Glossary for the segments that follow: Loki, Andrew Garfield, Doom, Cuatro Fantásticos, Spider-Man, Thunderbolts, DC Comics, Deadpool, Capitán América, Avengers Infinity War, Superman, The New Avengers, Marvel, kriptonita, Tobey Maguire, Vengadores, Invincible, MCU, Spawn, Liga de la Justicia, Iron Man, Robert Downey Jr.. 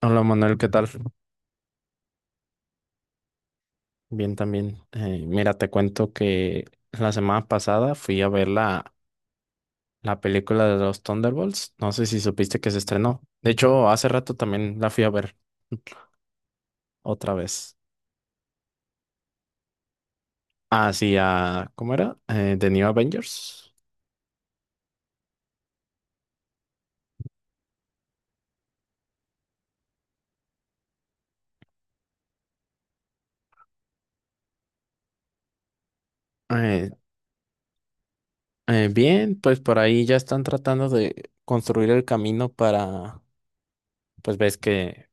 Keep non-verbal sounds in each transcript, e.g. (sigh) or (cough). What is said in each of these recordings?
Hola Manuel, ¿qué tal? Bien también. Mira, te cuento que la semana pasada fui a ver la película de los Thunderbolts. No sé si supiste que se estrenó. De hecho, hace rato también la fui a ver otra vez. Ah, sí, ¿cómo era? The New Avengers. Eh, Bien, pues por ahí ya están tratando de construir el camino para, pues ves que,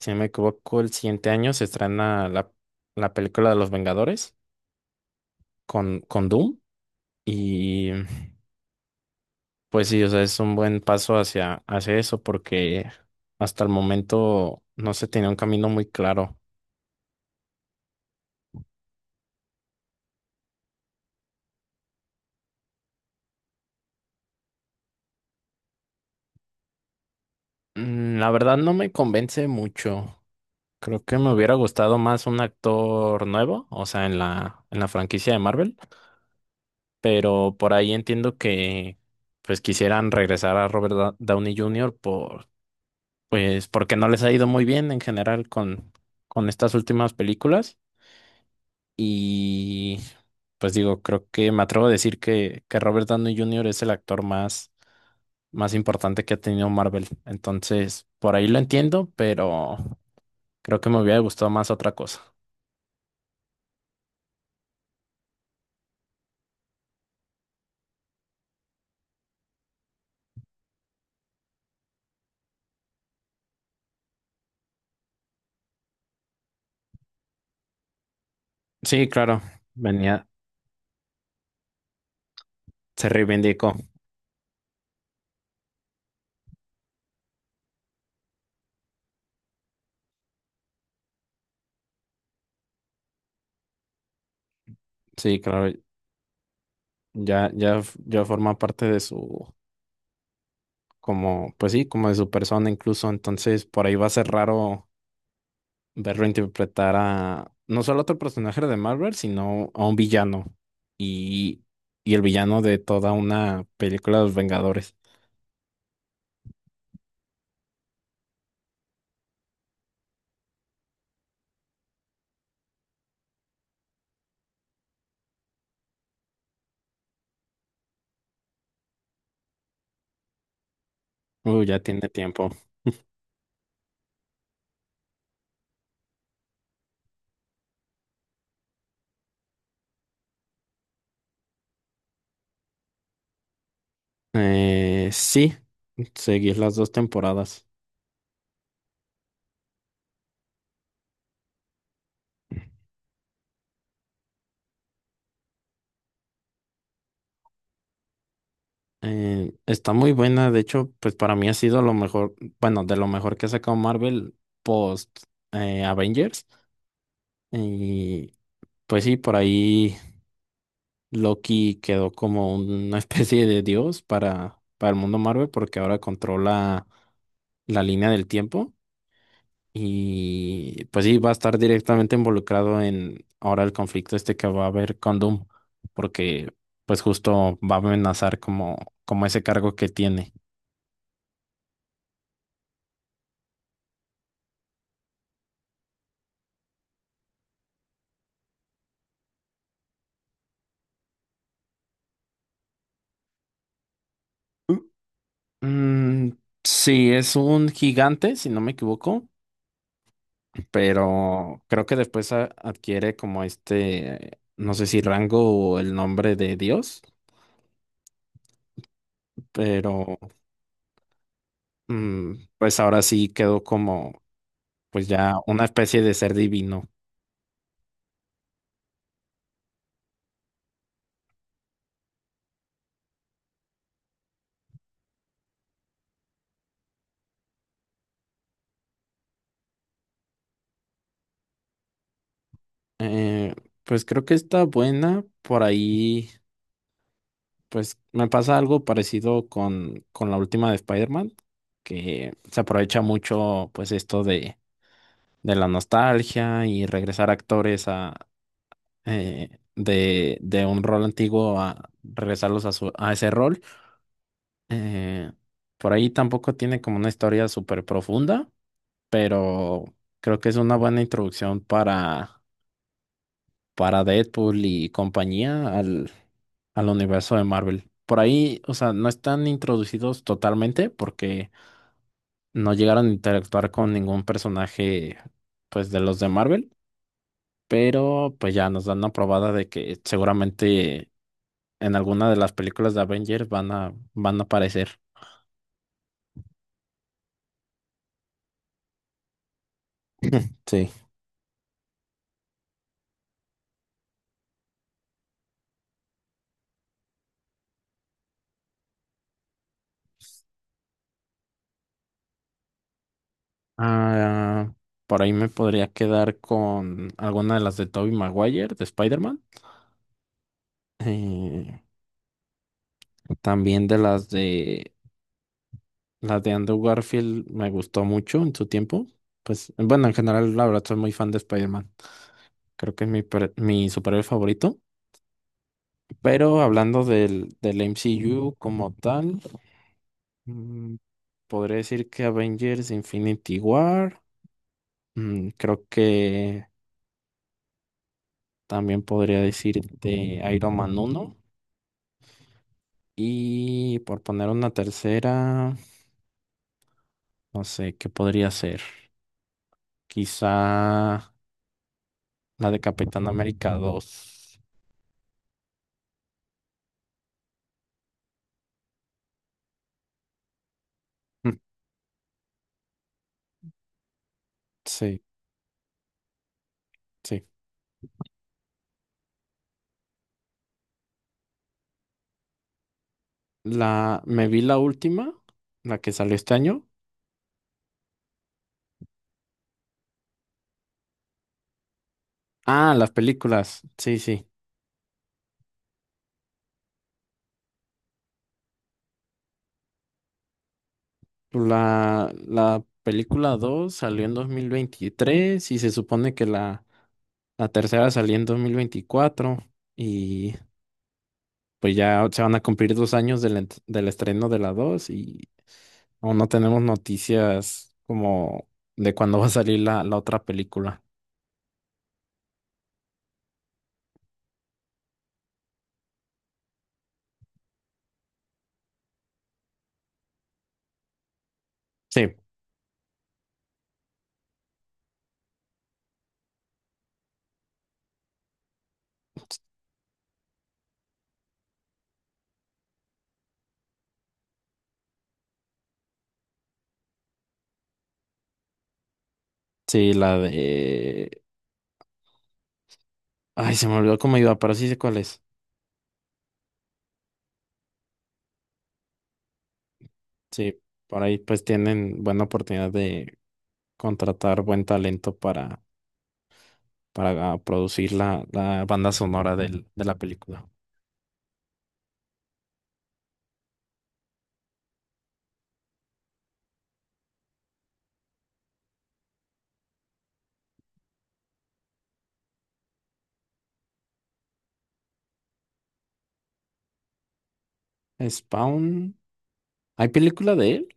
si no me equivoco, el siguiente año se estrena la película de los Vengadores con Doom. Y pues sí, o sea, es un buen paso hacia eso porque hasta el momento no se tenía un camino muy claro. La verdad no me convence mucho. Creo que me hubiera gustado más un actor nuevo, o sea, en la franquicia de Marvel, pero por ahí entiendo que pues quisieran regresar a Robert Downey Jr. por, pues porque no les ha ido muy bien en general con estas últimas películas. Y pues digo, creo que me atrevo a decir que Robert Downey Jr. es el actor más importante que ha tenido Marvel. Entonces, por ahí lo entiendo, pero creo que me hubiera gustado más otra cosa. Sí, claro, venía, se reivindicó. Sí, claro, ya forma parte de su, como, pues sí, como de su persona incluso. Entonces, por ahí va a ser raro verlo interpretar a no solo a otro personaje de Marvel, sino a un villano y, y el villano de toda una película de los Vengadores. Ya tiene tiempo. Sí, seguir las dos temporadas. Está muy buena, de hecho, pues para mí ha sido lo mejor, bueno, de lo mejor que ha sacado Marvel post Avengers. Y pues sí, por ahí. Loki quedó como una (laughs) especie de dios para el mundo Marvel porque ahora controla la línea del tiempo y pues sí, va a estar directamente involucrado en ahora el conflicto este que va a haber con Doom porque pues justo va a amenazar como ese cargo que tiene. Mm, sí, es un gigante, si no me equivoco, pero creo que después adquiere como este, no sé si rango o el nombre de Dios, pero mm, pues ahora sí quedó como pues ya una especie de ser divino. Eh, pues creo que está buena. Por ahí, pues me pasa algo parecido con la última de Spider-Man, que se aprovecha mucho pues esto de la nostalgia y regresar actores eh, de un rol antiguo a regresarlos a ese rol. Eh, por ahí tampoco tiene como una historia súper profunda, pero creo que es una buena introducción para Deadpool y compañía al universo de Marvel. Por ahí, o sea, no están introducidos totalmente porque no llegaron a interactuar con ningún personaje, pues, de los de Marvel, pero pues ya nos dan una probada de que seguramente en alguna de las películas de Avengers van a aparecer. Sí. Ah, por ahí me podría quedar con alguna de las de Tobey Maguire, de Spider-Man. Eh, También de las de Andrew Garfield me gustó mucho en su tiempo. Pues bueno, en general, la verdad, soy muy fan de Spider-Man. Creo que es mi superhéroe favorito. Pero hablando del MCU como tal, mm, podría decir que Avengers Infinity War. Creo que también podría decirte Iron Man 1. Y por poner una tercera, no sé, ¿qué podría ser? Quizá la de Capitán América 2. Mm, sí, sí. Me vi la última, la que salió este año. Ah, las películas. Sí, sí. La película 2 salió en 2023 y se supone que la tercera salió en 2024. Y pues ya se van a cumplir 2 años del estreno de la 2 y aún no tenemos noticias como de cuándo va a salir la otra película. Sí, sí, ay, se me olvidó cómo iba, pero sí sé cuál es. Sí, por ahí pues tienen buena oportunidad de contratar buen talento para producir la banda sonora de la película. Spawn, ¿hay película de él?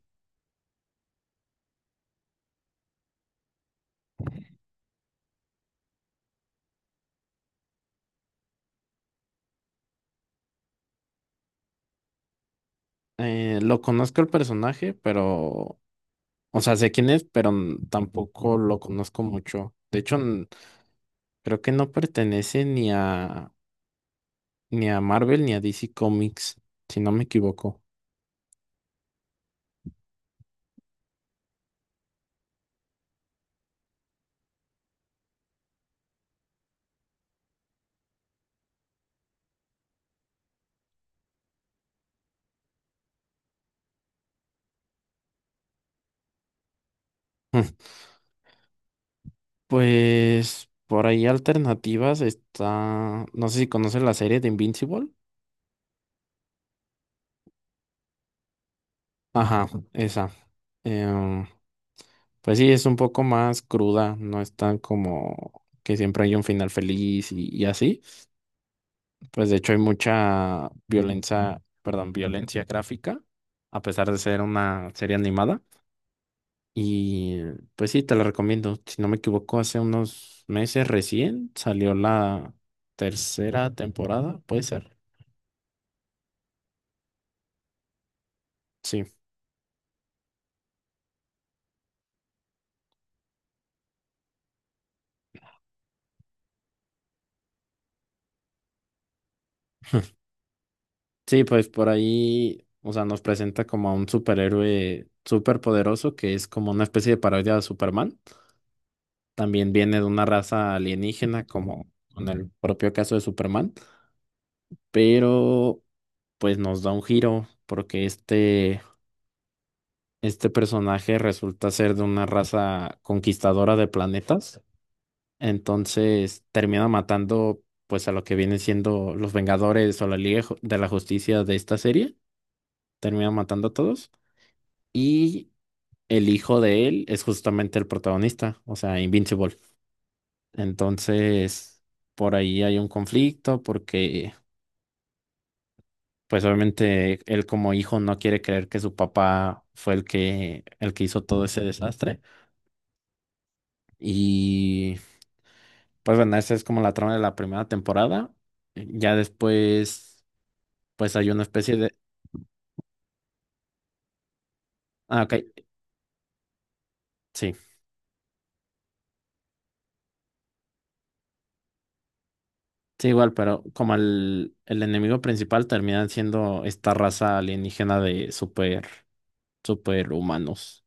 Lo conozco el personaje, pero o sea, sé quién es, pero tampoco lo conozco mucho. De hecho, creo que no pertenece ni a Marvel ni a DC Comics, si no me equivoco. (laughs) Pues por ahí alternativas está, no sé si conoces la serie de Invincible. Ajá, esa. Em, Pues sí, es un poco más cruda, no es tan como que siempre hay un final feliz y así. Pues de hecho hay mucha violencia, perdón, violencia gráfica, a pesar de ser una serie animada. Y pues sí, te la recomiendo. Si no me equivoco, hace unos meses recién salió la tercera temporada, puede ser. Sí, sí, pues por ahí, o sea, nos presenta como a un superhéroe súper poderoso que es como una especie de parodia de Superman. También viene de una raza alienígena, como en el propio caso de Superman, pero pues nos da un giro porque este personaje resulta ser de una raza conquistadora de planetas, entonces termina matando pues a lo que vienen siendo los Vengadores o la Liga de la Justicia de esta serie, termina matando a todos y el hijo de él es justamente el protagonista, o sea, Invincible. Entonces, por ahí hay un conflicto porque, pues obviamente, él como hijo no quiere creer que su papá fue el que hizo todo ese desastre. Y, pues bueno, esa es como la trama de la primera temporada. Ya después, pues hay una especie de. Ah, ok, sí, sí, igual, pero como el enemigo principal termina siendo esta raza alienígena de super humanos.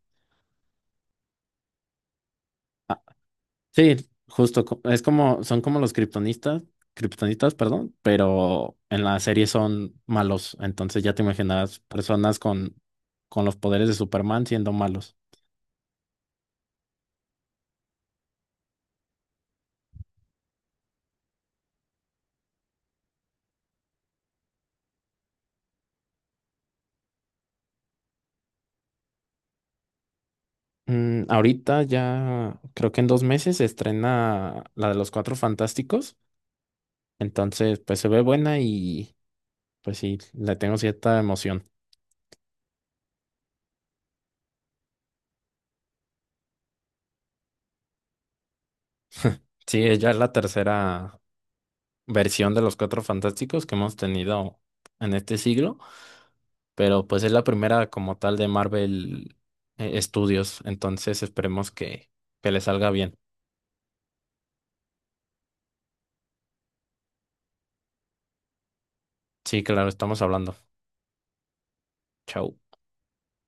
Sí, justo, es como, son como los kriptonistas, kriptonitas, perdón, pero en la serie son malos, entonces ya te imaginarás personas con los poderes de Superman siendo malos. Ahorita ya, creo que en 2 meses se estrena la de los Cuatro Fantásticos, entonces pues se ve buena y pues sí, le tengo cierta emoción. Sí, es ya es la tercera versión de los Cuatro Fantásticos que hemos tenido en este siglo. Pero pues es la primera como tal de Marvel Studios, entonces esperemos que le salga bien. Sí, claro, estamos hablando. Chau.